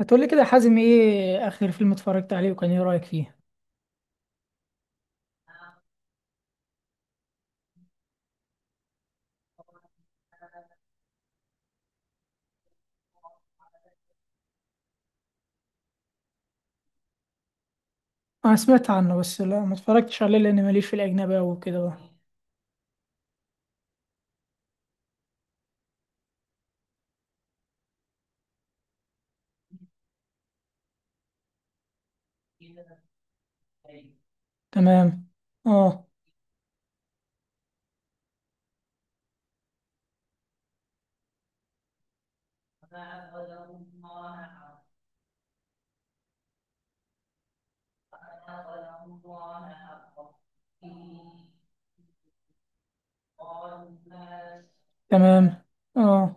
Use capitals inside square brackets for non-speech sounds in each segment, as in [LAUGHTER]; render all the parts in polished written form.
هتقولي كده يا حازم، ايه اخر فيلم اتفرجت عليه وكان ايه رأيك فيه؟ انا سمعت عنه، بس لا ما اتفرجتش عليه لان ماليش في الاجنبي أوي وكده بقى. تمام. اه. تمام. اه.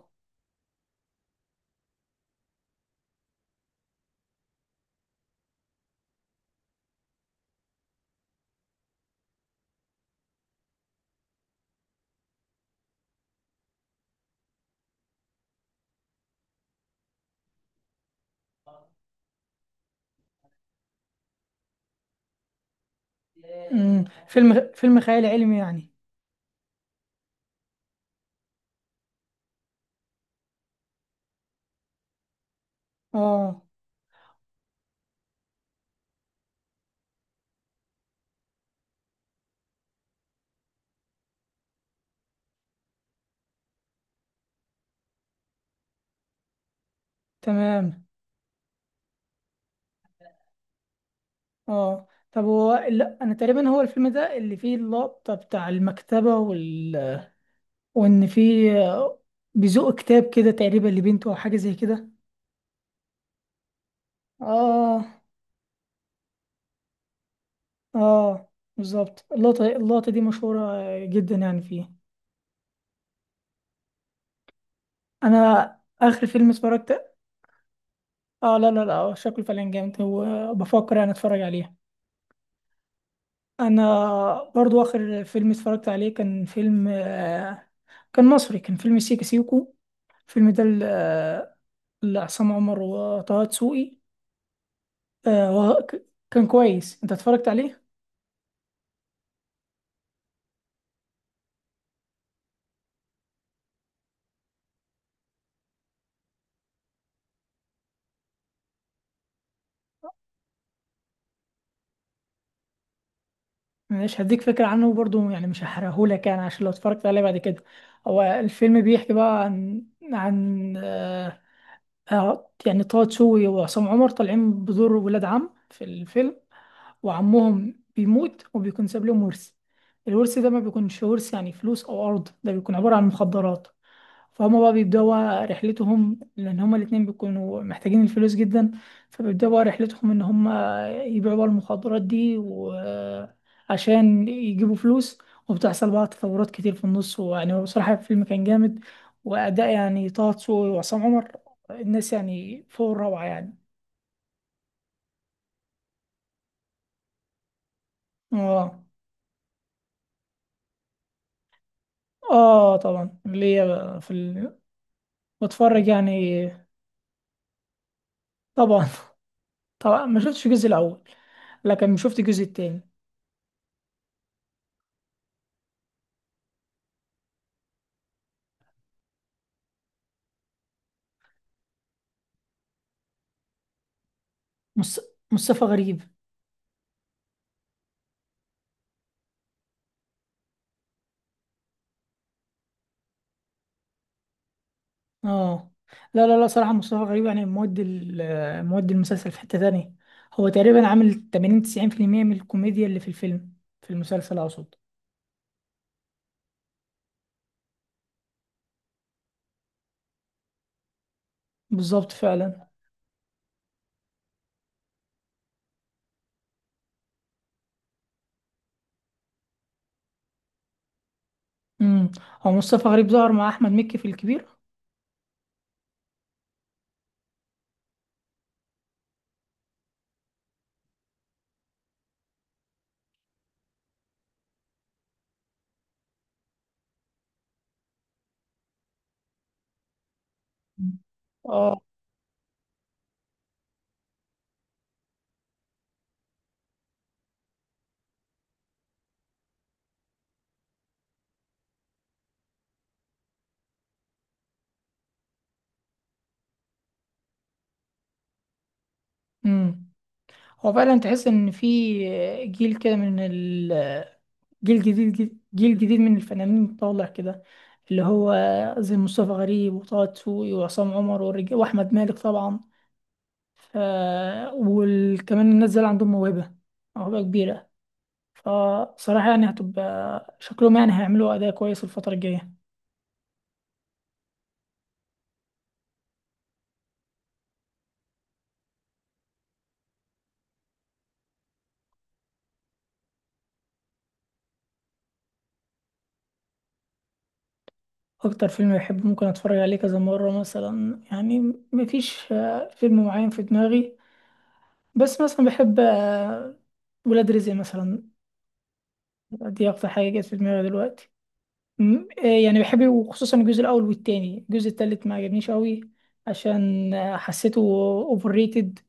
فيلم خيال علمي يعني. اه. تمام. اه، طب هو لا انا تقريبا هو الفيلم ده اللي فيه اللقطة بتاع المكتبة وان فيه، بيزق كتاب كده تقريبا لبنته او حاجة زي كده. اه. اه بالظبط، اللقطة دي مشهورة جدا يعني فيه. انا اخر فيلم اتفرجت. اه، لا لا لا، شكله فعلا جامد وبفكر انا اتفرج عليه. انا برضو اخر فيلم اتفرجت عليه كان فيلم كان مصري، كان فيلم سيكا سيكو. الفيلم ده لعصام عمر وطه دسوقي. آه، وه- ك- كان كويس، انت اتفرجت عليه؟ مش هديك فكرة عنه برضو يعني، مش هحرقهولك يعني عشان لو اتفرجت عليه بعد كده. هو الفيلم بيحكي بقى عن يعني طه دسوقي وعصام عمر طالعين بدور ولاد عم في الفيلم، وعمهم بيموت وبيكون ساب لهم ورث. الورث ده ما بيكونش ورث يعني فلوس او ارض، ده بيكون عبارة عن مخدرات. فهم بقى بيبدأوا بقى رحلتهم لأن هما الاتنين بيكونوا محتاجين الفلوس جدا، فبيبدأوا بقى رحلتهم إن هما يبيعوا بقى المخدرات دي وعشان يجيبوا فلوس. وبتحصل بقى تطورات كتير في النص، ويعني هو بصراحة الفيلم كان جامد، وأداء يعني طه دسوقي وعصام عمر الناس يعني فوق الروعة يعني. اه. اه طبعا، اللي هي بقى في ال... بتفرج يعني. طبعا [LAUGHS] طبعا ما شفتش الجزء الأول، لكن شفت الجزء التاني. مص- مصطفى غريب. اه لا لا لا، صراحة مصطفى غريب يعني مودي المسلسل في حتة تانية. هو تقريبا عامل 80 90% من الكوميديا اللي في الفيلم، في المسلسل اقصد. بالظبط فعلا. امم هو مصطفى غريب ظهر مع احمد مكي في الكبير. مم. اه. امم هو فعلا تحس ان في جيل كده من ال جيل جديد جيل جديد من الفنانين طالع كده، اللي هو زي مصطفى غريب وطه دسوقي وعصام عمر والرجال واحمد مالك طبعا. آه، وكمان الناس دول عندهم موهبة كبيرة. فصراحة يعني هتبقى شكلهم يعني هيعملوا أداء كويس الفترة الجاية. أكتر فيلم بحبه ممكن أتفرج عليه كذا مرة مثلا يعني، مفيش فيلم معين في دماغي، بس مثلا بحب ولاد رزق مثلا. دي أكتر حاجة جت في دماغي دلوقتي. إيه يعني بحب، وخصوصا الجزء الاول والتاني، الجزء التالت ما عجبنيش قوي عشان حسيته اوفر ريتد،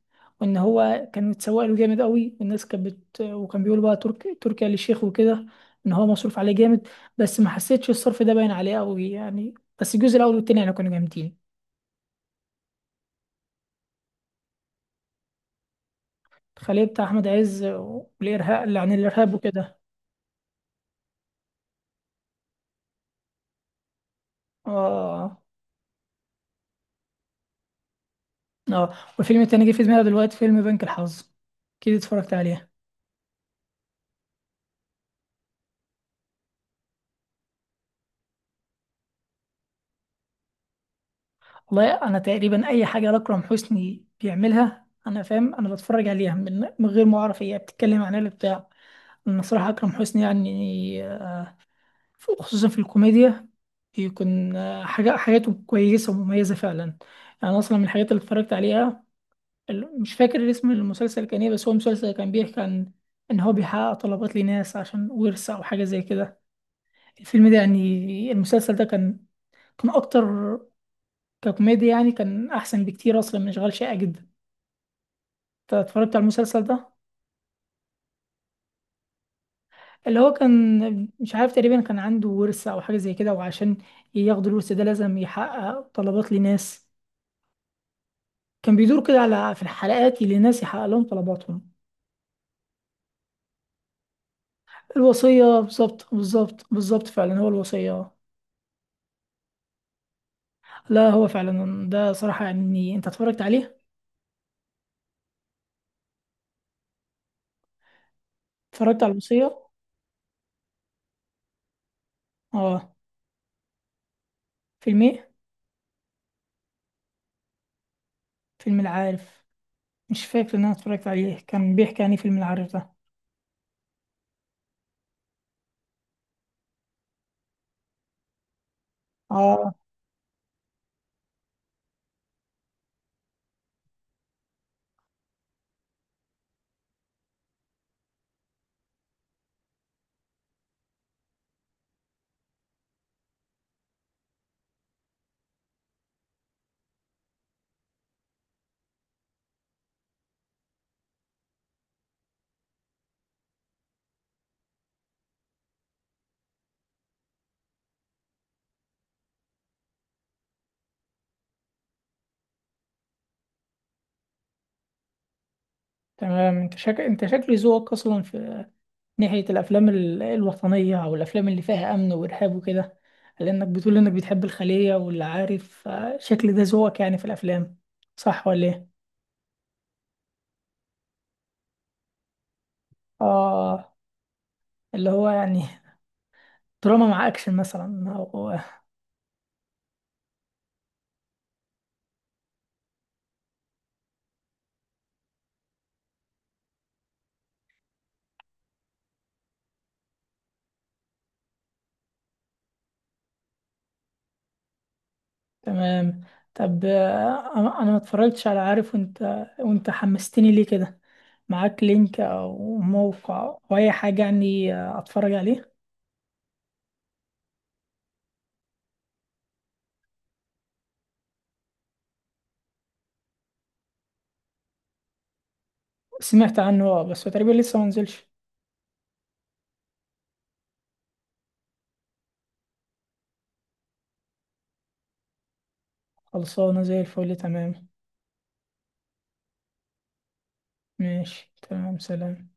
وان هو كان متسوق له جامد قوي والناس وكان بيقول بقى تركيا للشيخ وكده، ان هو مصروف عليه جامد، بس ما حسيتش الصرف ده باين عليه قوي يعني. بس الجزء الاول والتاني يعني كانوا جامدين. الخلية بتاع احمد عز والارهاب اللي عن الارهاب وكده. اه. اه، والفيلم التاني جه في دماغي دلوقتي فيلم بنك الحظ، اكيد اتفرجت عليه. والله انا تقريبا اي حاجه اكرم حسني بيعملها انا فاهم انا بتفرج عليها من غير ما اعرف هي بتتكلم عن ايه ولا بتاع. انا صراحه اكرم حسني يعني خصوصا في الكوميديا يكون آه، حاجه حاجاته كويسه ومميزه فعلا يعني. أنا اصلا من الحاجات اللي اتفرجت عليها، مش فاكر اسم المسلسل كان ايه، بس هو مسلسل كان بيحكي عن ان هو بيحقق طلبات لناس عشان ورث او حاجه زي كده. الفيلم ده يعني المسلسل ده كان اكتر ككوميديا يعني، كان احسن بكتير اصلا من اشغال شاقة جدا. اتفرجت على المسلسل ده اللي هو كان مش عارف، تقريبا كان عنده ورث او حاجه زي كده، وعشان ياخد الورث ده لازم يحقق طلبات لناس. كان بيدور كده على في الحلقات اللي الناس يحقق لهم طلباتهم. الوصيه، بالظبط بالظبط بالظبط، فعلا هو الوصيه. لا هو فعلا ده صراحه يعني انت اتفرجت عليه، اتفرجت على الوصيه. اه. فيلم ايه؟ فيلم العارف. مش فاكر ان انا اتفرجت عليه، كان بيحكي عن إيه فيلم العارف ده؟ اه تمام، انت شكلي ذوقك اصلا في ناحية الأفلام الوطنية أو الأفلام اللي فيها أمن وإرهاب وكده، لأنك بتقول إنك بتحب الخلية واللي عارف، شكل ده ذوقك يعني في الأفلام. صح ولا إيه؟ آه، اللي هو يعني [LAUGHS] دراما مع أكشن مثلا أو [LAUGHS] تمام. طب أنا ما اتفرجتش على عارف، وأنت حمستني ليه كده، معاك لينك أو موقع أو أي حاجة يعني، أتفرج عليه؟ سمعت عنه، بس هو تقريبا لسه ما نزلش. خلصانة زي الفل، تمام. ماشي تمام، سلام.